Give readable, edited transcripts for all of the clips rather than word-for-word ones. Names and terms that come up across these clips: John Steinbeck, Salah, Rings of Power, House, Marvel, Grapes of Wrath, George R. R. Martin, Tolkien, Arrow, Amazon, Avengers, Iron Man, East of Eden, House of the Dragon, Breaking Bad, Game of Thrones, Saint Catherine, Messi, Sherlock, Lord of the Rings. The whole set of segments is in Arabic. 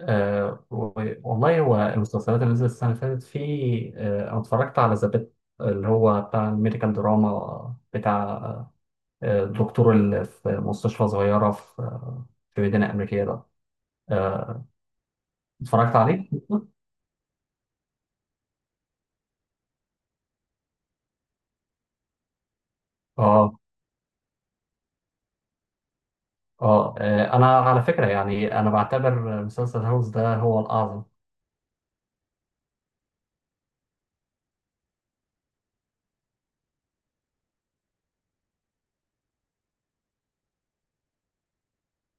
والله هو المسلسلات اللي نزلت السنة اللي فاتت في آه أنا اتفرجت على ذا بيت، اللي هو بتاع الميديكال دراما، بتاع الدكتور اللي في مستشفى صغيرة في مدينة أمريكية ده. آه اتفرجت عليه؟ آه أنا على فكرة يعني أنا بعتبر مسلسل هاوس ده هو الأعظم.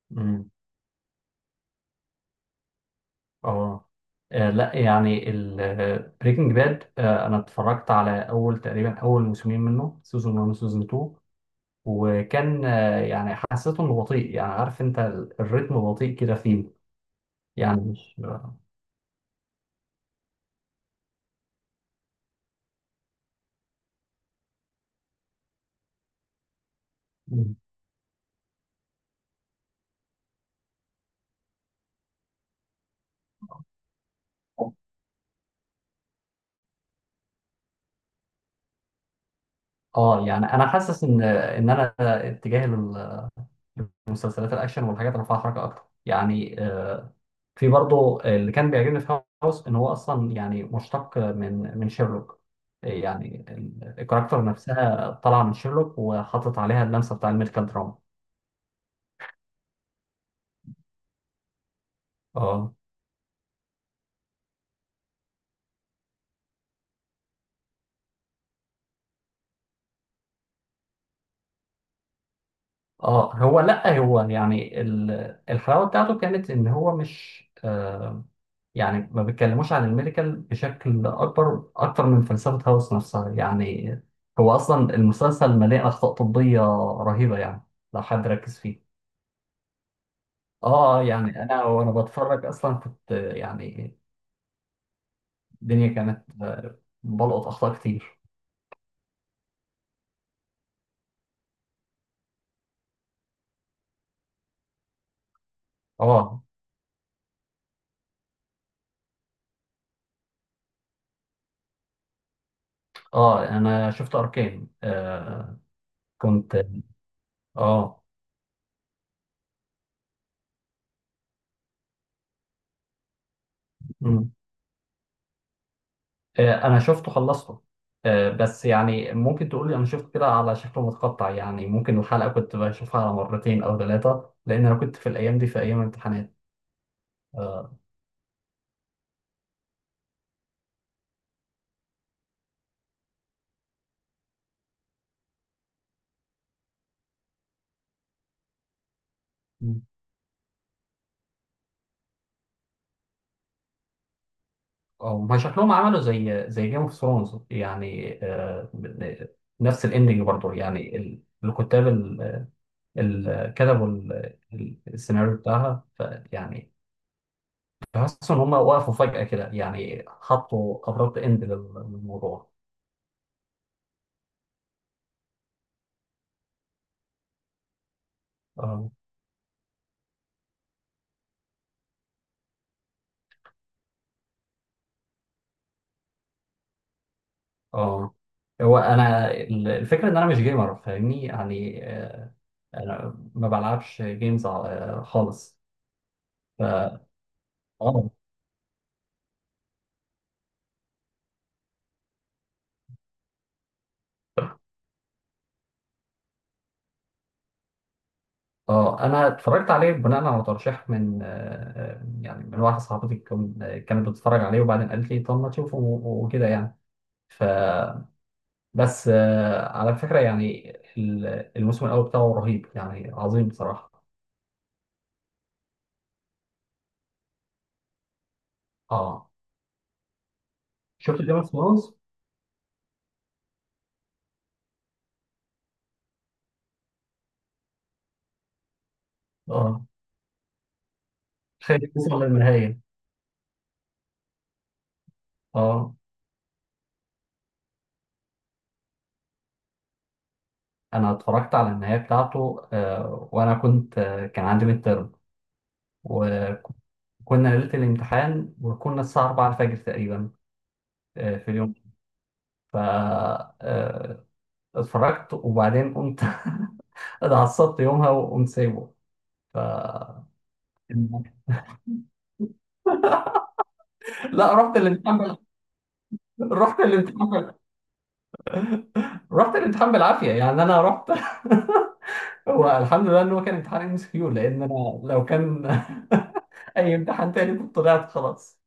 مم. آه لا، يعني بريكنج باد انا اتفرجت على تقريبا اول موسمين منه، سيزون 1 وسيزون 2، وكان يعني حسيته انه بطيء، يعني عارف انت الريتم بطيء كده فيه، يعني مش. اه، يعني انا حاسس ان انا اتجاهي للمسلسلات الاكشن والحاجات اللي فيها حركه اكتر، يعني في برضه اللي كان بيعجبني في هاوس ان هو اصلا يعني مشتق من شيرلوك، يعني الكاركتر نفسها طالعه من شيرلوك وحاطط عليها اللمسه بتاع الميديكال دراما. اه، اه، هو لا، هو يعني الحلاوه بتاعته كانت ان هو مش يعني ما بيتكلموش عن الميديكال بشكل اكبر اكتر من فلسفه هاوس نفسها، يعني هو اصلا المسلسل مليء اخطاء طبيه رهيبه، يعني لو حد ركز فيه. اه، يعني انا وانا بتفرج اصلا كنت يعني الدنيا كانت بلقط اخطاء كتير. اه، اه انا شفت اركان آه كنت اه آه، انا شفته خلصته، بس يعني ممكن تقولي انا شفته كده على شكل متقطع، يعني ممكن الحلقة كنت بشوفها على مرتين او ثلاثة، لان انا كنت في الايام دي في ايام امتحانات. آه، أو ما شكلهم عملوا زي جيم اوف ثرونز، يعني نفس الاندنج برضه، يعني الكتاب كتبوا السيناريو بتاعها، فيعني بحس ان هم وقفوا فجأة كده، يعني حطوا ابرة اند للموضوع. اه، هو انا الفكره ان انا مش جيمر، فاهمني، يعني انا ما بلعبش جيمز خالص. ف اه، اه انا اتفرجت عليه بناء على ترشيح من يعني من واحده صاحبتي كانت بتتفرج عليه وبعدين قالت لي طب ما تشوفه وكده يعني. ف بس على فكره يعني ال- الموسم الاول بتاعه رهيب يعني عظيم بصراحه. اه، شفت جيم اوف ثرونز؟ اه، خليك توصل للنهايه. اه، انا اتفرجت على النهايه بتاعته، وانا كنت كان عندي ميد ترم، وكنا ليله الامتحان، وكنا الساعه 4 الفجر تقريبا في اليوم. ف آه، اتفرجت وبعدين قمت اتعصبت يومها وقمت سايبه. ف لا، رحت الامتحان بال... رحت الامتحان بال... رحت الامتحان بالعافيه، يعني انا رحت هو الحمد لله ان هو كان امتحان ام اس كيو، لان انا لو كان اي امتحان تاني كنت طلعت خلاص.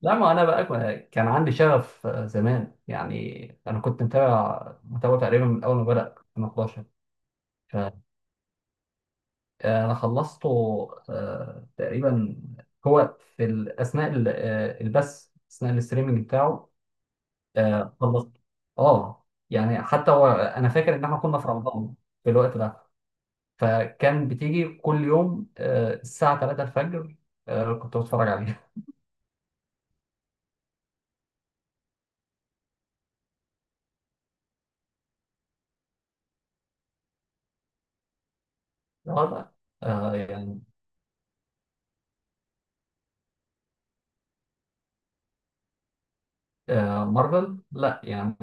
لا ما انا بقى كان عندي شغف زمان، يعني انا كنت متابع تقريبا من اول ما بدا 2011، فانا خلصته تقريبا هو في اثناء البث، اثناء الاستريمنج بتاعه خلصت. اه، يعني حتى هو انا فاكر ان احنا كنا في رمضان في الوقت ده، فكان بتيجي كل يوم الساعه 3 الفجر كنت بتفرج عليها. لا. آه، يعني مارفل، لا يعني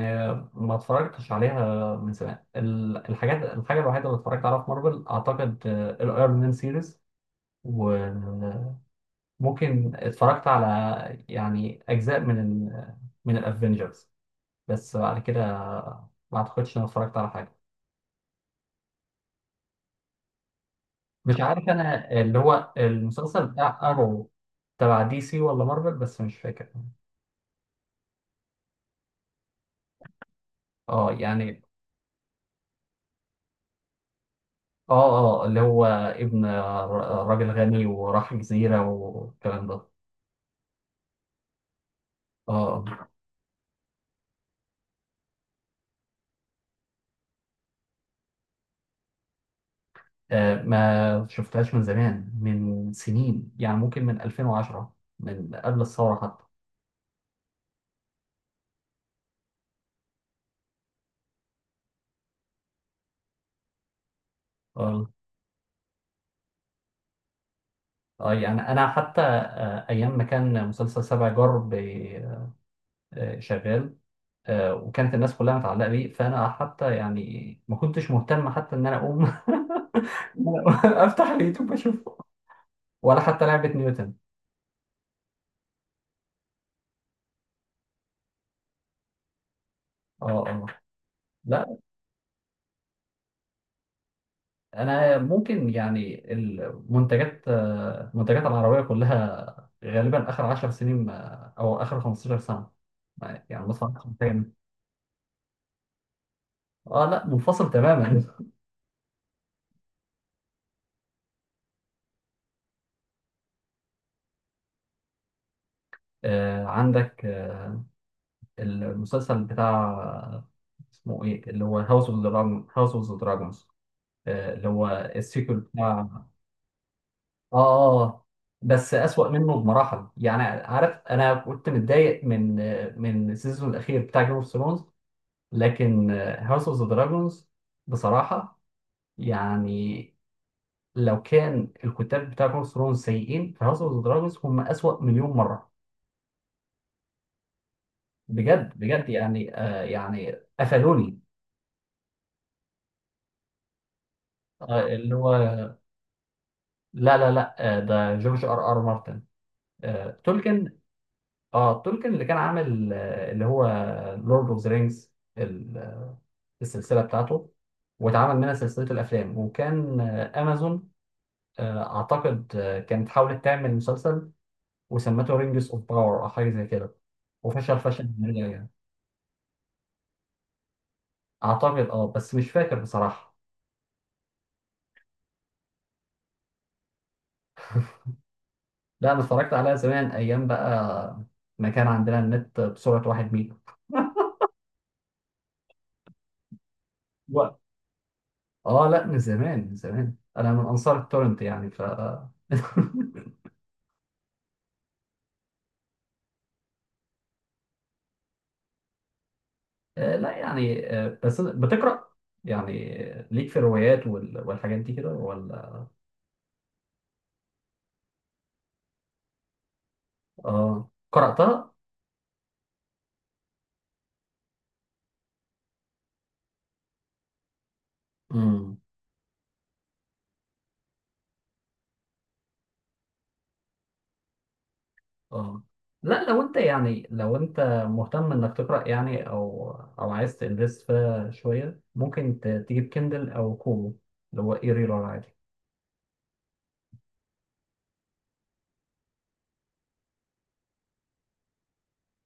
ما اتفرجتش عليها من زمان، ال- الحاجات الحاجة الوحيدة اللي اتفرجت عليها في مارفل أعتقد الأيرون مان سيريز، وممكن اتفرجت على يعني أجزاء من من الأفينجرز، بس بعد كده ما أعتقدش إن أنا اتفرجت على حاجة. مش عارف أنا اللي هو المسلسل بتاع أرو تبع دي سي ولا مارفل، بس مش فاكر. اه، يعني اه، اه اللي هو ابن راجل غني، وراح جزيرة والكلام ده. اه، ما شفتهاش من زمان، من سنين، يعني ممكن من 2010، من قبل الثورة حتى. اه، يعني أنا حتى أيام ما كان مسلسل سبع جار شغال وكانت الناس كلها متعلقة بيه، فأنا حتى يعني ما كنتش مهتم حتى إن أنا أقوم إن أنا أقوم أفتح اليوتيوب أشوفه، ولا حتى لعبة نيوتن. اه، اه لا، انا ممكن يعني المنتجات المنتجات العربيه كلها غالبا اخر 10 سنين او اخر 15 سنه، يعني مثلا سنتين. اه، لا منفصل تماما. آه، عندك المسلسل بتاع، اسمه ايه، اللي هو هاوس اوف دراجونز، اللي هو السيكول بتاع، اه، اه بس اسوأ منه بمراحل، يعني عارف انا كنت متضايق من من السيزون الاخير بتاع جيم اوف ثرونز، لكن هاوس اوف ذا دراجونز بصراحة يعني لو كان الكتاب بتاع جيم اوف ثرونز سيئين، فهاوس اوف ذا دراجونز هم أسوأ مليون مرة. بجد، بجد يعني آه يعني قفلوني. آه اللي هو لا، لا، لا، آه ده جورج ار ار مارتن. آه تولكن. اه تولكن اللي كان عامل آه اللي هو لورد اوف ذا رينجز، السلسلة بتاعته واتعمل منها سلسلة الأفلام، وكان أمازون أعتقد كانت حاولت تعمل مسلسل وسمته رينجز اوف باور او حاجه زي كده، وفشل فشل ذريع يعني. اعتقد اه، بس مش فاكر بصراحه. لا، انا اتفرجت عليها زمان، ايام بقى ما كان عندنا النت بسرعه واحد ميجا. و- اه لا، من زمان، انا من انصار التورنت، يعني ف. آه، لا يعني آه، بس بتقرا، يعني ليك في الروايات والحاجات دي كده ولا؟ اه، قراتها؟ مم. اه لا، لو انت يعني لو انت مهتم انك تقرا يعني او او عايز تنفست فيها شويه، ممكن تجيب كندل او كومو، اللي هو اي ريلر عادي.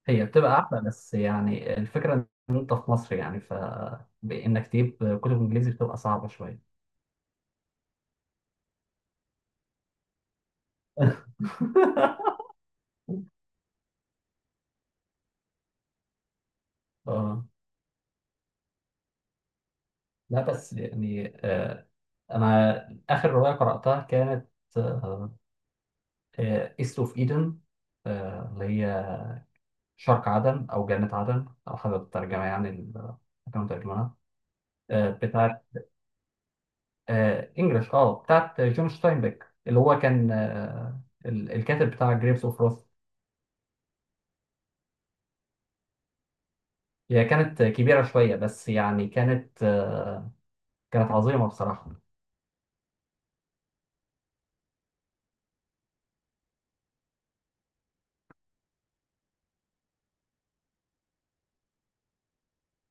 هي بتبقى احلى، بس يعني الفكره ان انت في مصر، يعني ف بانك تجيب كتب انجليزي بتبقى صعبه شويه. اه لا، بس يعني آه انا اخر روايه قراتها كانت ايست اوف ايدن، اللي هي شرق عدن أو جنة عدن على حسب الترجمة، يعني اللي كانوا ترجمها. آه، بتاعت آه، إنجلش، أه بتاعت جون ستاينبيك، اللي هو كان الكاتب بتاع جريفز أوف روث. هي كانت كبيرة شوية بس يعني كانت كانت عظيمة بصراحة.